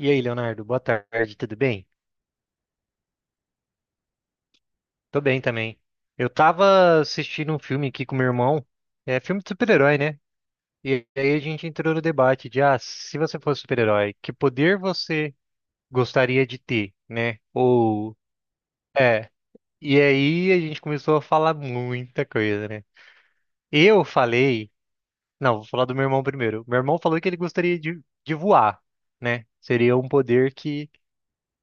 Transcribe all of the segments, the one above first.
E aí, Leonardo, boa tarde, tudo bem? Tô bem também. Eu tava assistindo um filme aqui com meu irmão, é filme de super-herói, né? E aí a gente entrou no debate de, ah, se você fosse super-herói, que poder você gostaria de ter, né? Ou, é, e aí a gente começou a falar muita coisa, né? Eu falei, não, vou falar do meu irmão primeiro. Meu irmão falou que ele gostaria de voar, né? Seria um poder que,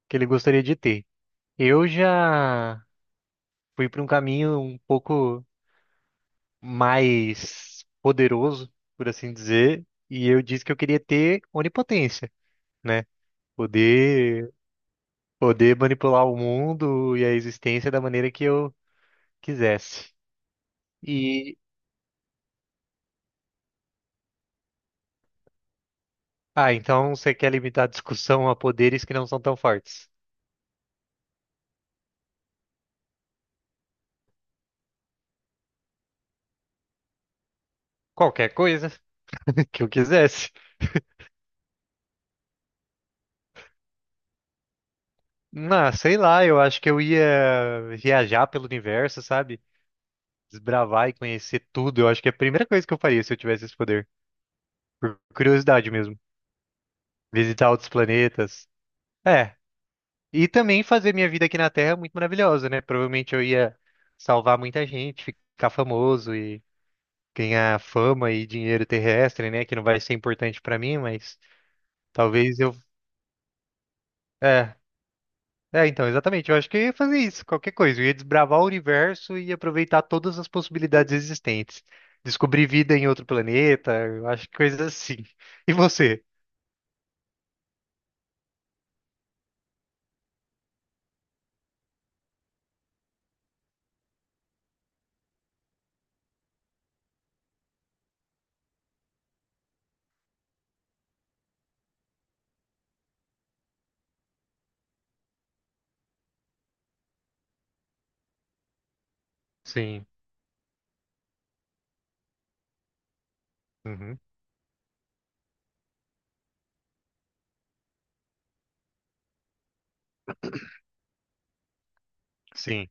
que ele gostaria de ter. Eu já fui para um caminho um pouco mais poderoso, por assim dizer, e eu disse que eu queria ter onipotência, né? Poder, poder manipular o mundo e a existência da maneira que eu quisesse. E, ah, então você quer limitar a discussão a poderes que não são tão fortes? Qualquer coisa que eu quisesse. Ah, sei lá, eu acho que eu ia viajar pelo universo, sabe? Desbravar e conhecer tudo. Eu acho que é a primeira coisa que eu faria se eu tivesse esse poder. Por curiosidade mesmo. Visitar outros planetas. É, e também fazer minha vida aqui na Terra é muito maravilhosa, né? Provavelmente eu ia salvar muita gente, ficar famoso e ganhar fama e dinheiro terrestre, né? Que não vai ser importante pra mim, mas talvez eu. É, é, então, exatamente. Eu acho que eu ia fazer isso, qualquer coisa. Eu ia desbravar o universo e aproveitar todas as possibilidades existentes. Descobrir vida em outro planeta, eu acho que coisas assim. E você? Sim. Uhum. Sim.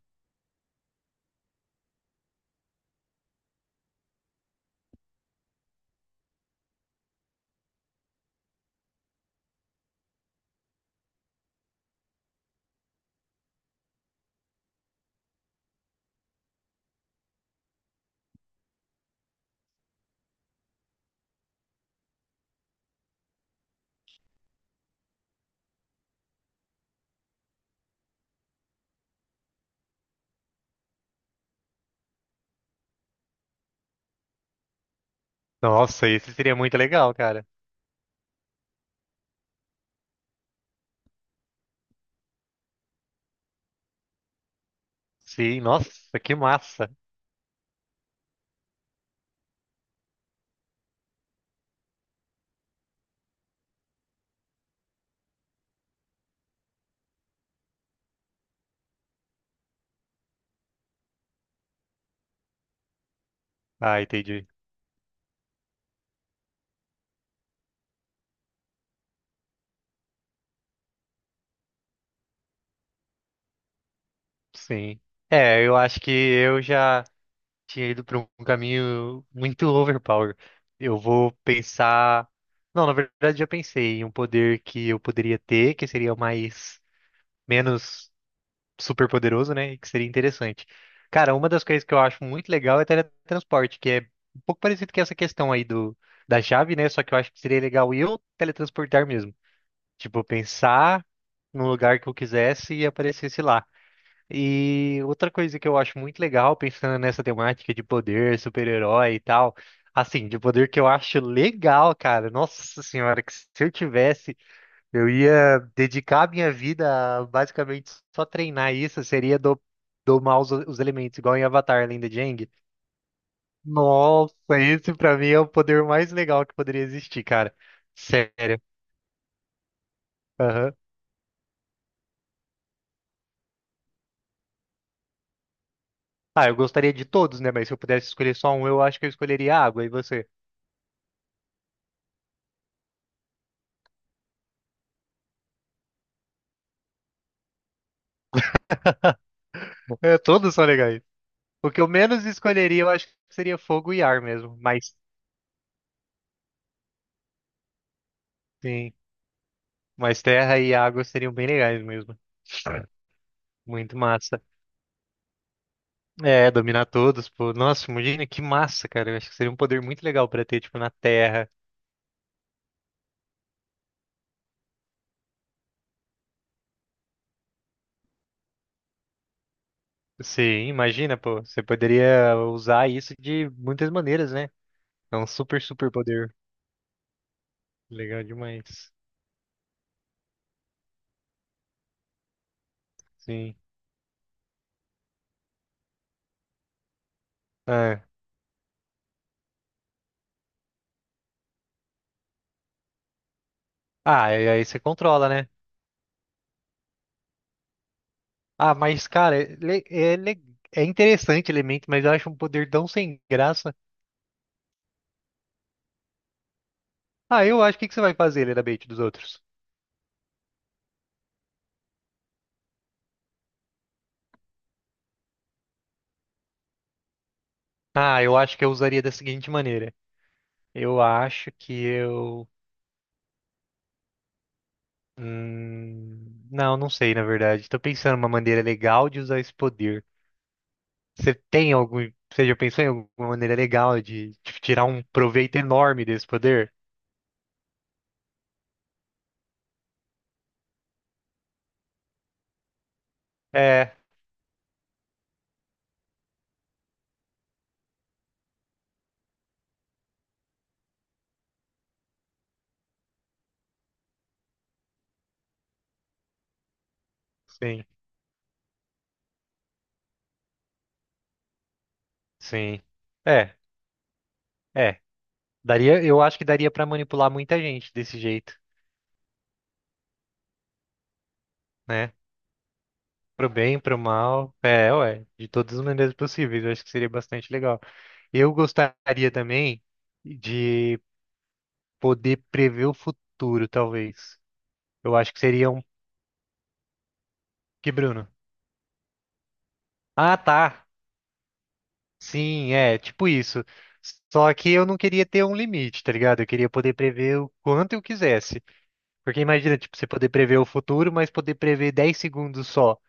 Nossa, isso seria muito legal, cara. Sim, nossa, que massa. Ah, entendi. Sim. É, eu acho que eu já tinha ido para um caminho muito overpower. Eu vou pensar. Não, na verdade já pensei em um poder que eu poderia ter, que seria mais menos super poderoso, né? E que seria interessante. Cara, uma das coisas que eu acho muito legal é teletransporte, que é um pouco parecido com essa questão aí do da chave, né? Só que eu acho que seria legal eu teletransportar mesmo. Tipo, pensar num lugar que eu quisesse e aparecesse lá. E outra coisa que eu acho muito legal, pensando nessa temática de poder, super-herói e tal, assim, de poder que eu acho legal, cara. Nossa senhora, que se eu tivesse, eu ia dedicar a minha vida a basicamente só treinar isso, seria do, domar os elementos, igual em Avatar, Lenda de Aang. Nossa, esse pra mim é o poder mais legal que poderia existir, cara. Sério. Aham. Ah, eu gostaria de todos, né? Mas se eu pudesse escolher só um, eu acho que eu escolheria a água. E você? É, todos são legais. O que eu menos escolheria, eu acho que seria fogo e ar mesmo. Mas sim, mas terra e água seriam bem legais mesmo. Muito massa. É, dominar todos, pô. Nossa, imagina que massa, cara. Eu acho que seria um poder muito legal pra ter, tipo, na Terra. Sim, imagina, pô. Você poderia usar isso de muitas maneiras, né? É um super, super poder. Legal demais. Sim. É. Ah, e aí você controla, né? Ah, mas, cara, é interessante o elemento, mas eu acho um poder tão sem graça. Ah, eu acho. O que que você vai fazer, ele da bait dos outros? Ah, eu acho que eu usaria da seguinte maneira. Eu acho que eu. Não, não sei, na verdade. Tô pensando numa maneira legal de usar esse poder. Você tem algum. Você já pensou em alguma maneira legal de tipo, tirar um proveito enorme desse poder? É, sim, sim. É, é. Daria, eu acho que daria pra manipular muita gente desse jeito, né? Pro bem, pro mal. É, ué, de todas as maneiras possíveis. Eu acho que seria bastante legal. Eu gostaria também de poder prever o futuro, talvez. Eu acho que seria um. Que, Bruno? Ah, tá. Sim, é, tipo isso. Só que eu não queria ter um limite, tá ligado? Eu queria poder prever o quanto eu quisesse. Porque imagina, tipo, você poder prever o futuro, mas poder prever 10 segundos só,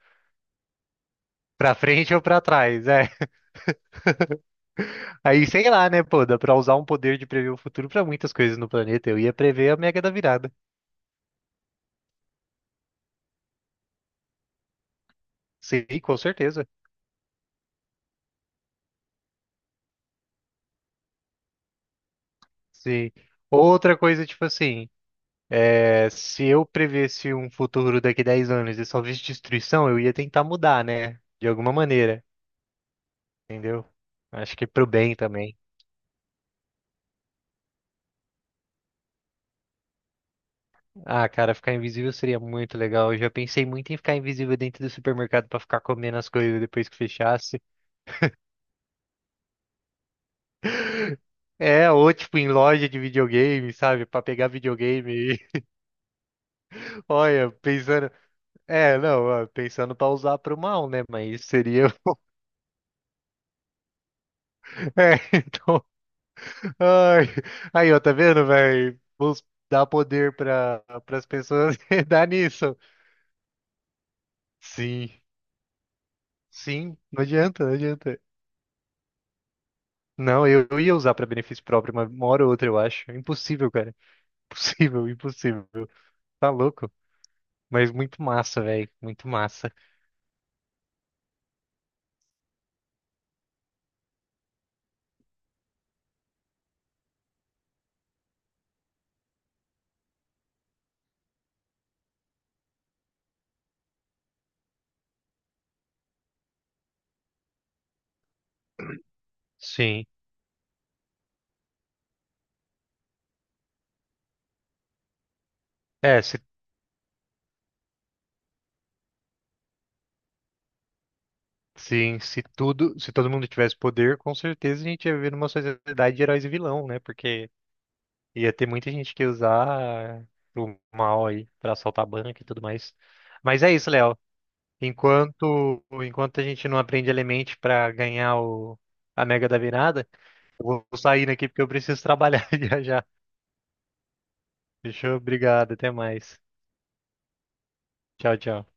pra frente ou pra trás. É, aí, sei lá, né, pô, dá pra usar um poder de prever o futuro pra muitas coisas no planeta. Eu ia prever a Mega da Virada. Sim, com certeza. Sim. Outra coisa, tipo assim, é, se eu prevesse um futuro daqui 10 anos e só visse destruição, eu ia tentar mudar, né? De alguma maneira, entendeu? Acho que pro bem também. Ah, cara, ficar invisível seria muito legal. Eu já pensei muito em ficar invisível dentro do supermercado pra ficar comendo as coisas depois que fechasse. É, ou tipo em loja de videogame, sabe? Pra pegar videogame. Olha, pensando. É, não, ó, pensando pra usar pro mal, né? Mas seria. É, então. Ai, aí, ó, tá vendo, velho? Vamos dar poder pra, pras pessoas e dar nisso. Sim, sim, não adianta, não adianta. Não, eu ia usar pra benefício próprio, mas uma hora ou outra, eu acho. É impossível, cara. Impossível, impossível. Tá louco? Mas muito massa, velho. Muito massa. Sim. É, sim, se tudo, se todo mundo tivesse poder, com certeza a gente ia viver numa sociedade de heróis e vilão, né? Porque ia ter muita gente que ia usar o mal aí pra assaltar banco e tudo mais. Mas é isso, Léo. Enquanto a gente não aprende Element pra ganhar o a Mega da Virada, eu vou sair daqui porque eu preciso trabalhar já já. Fechou? Obrigado, até mais. Tchau, tchau.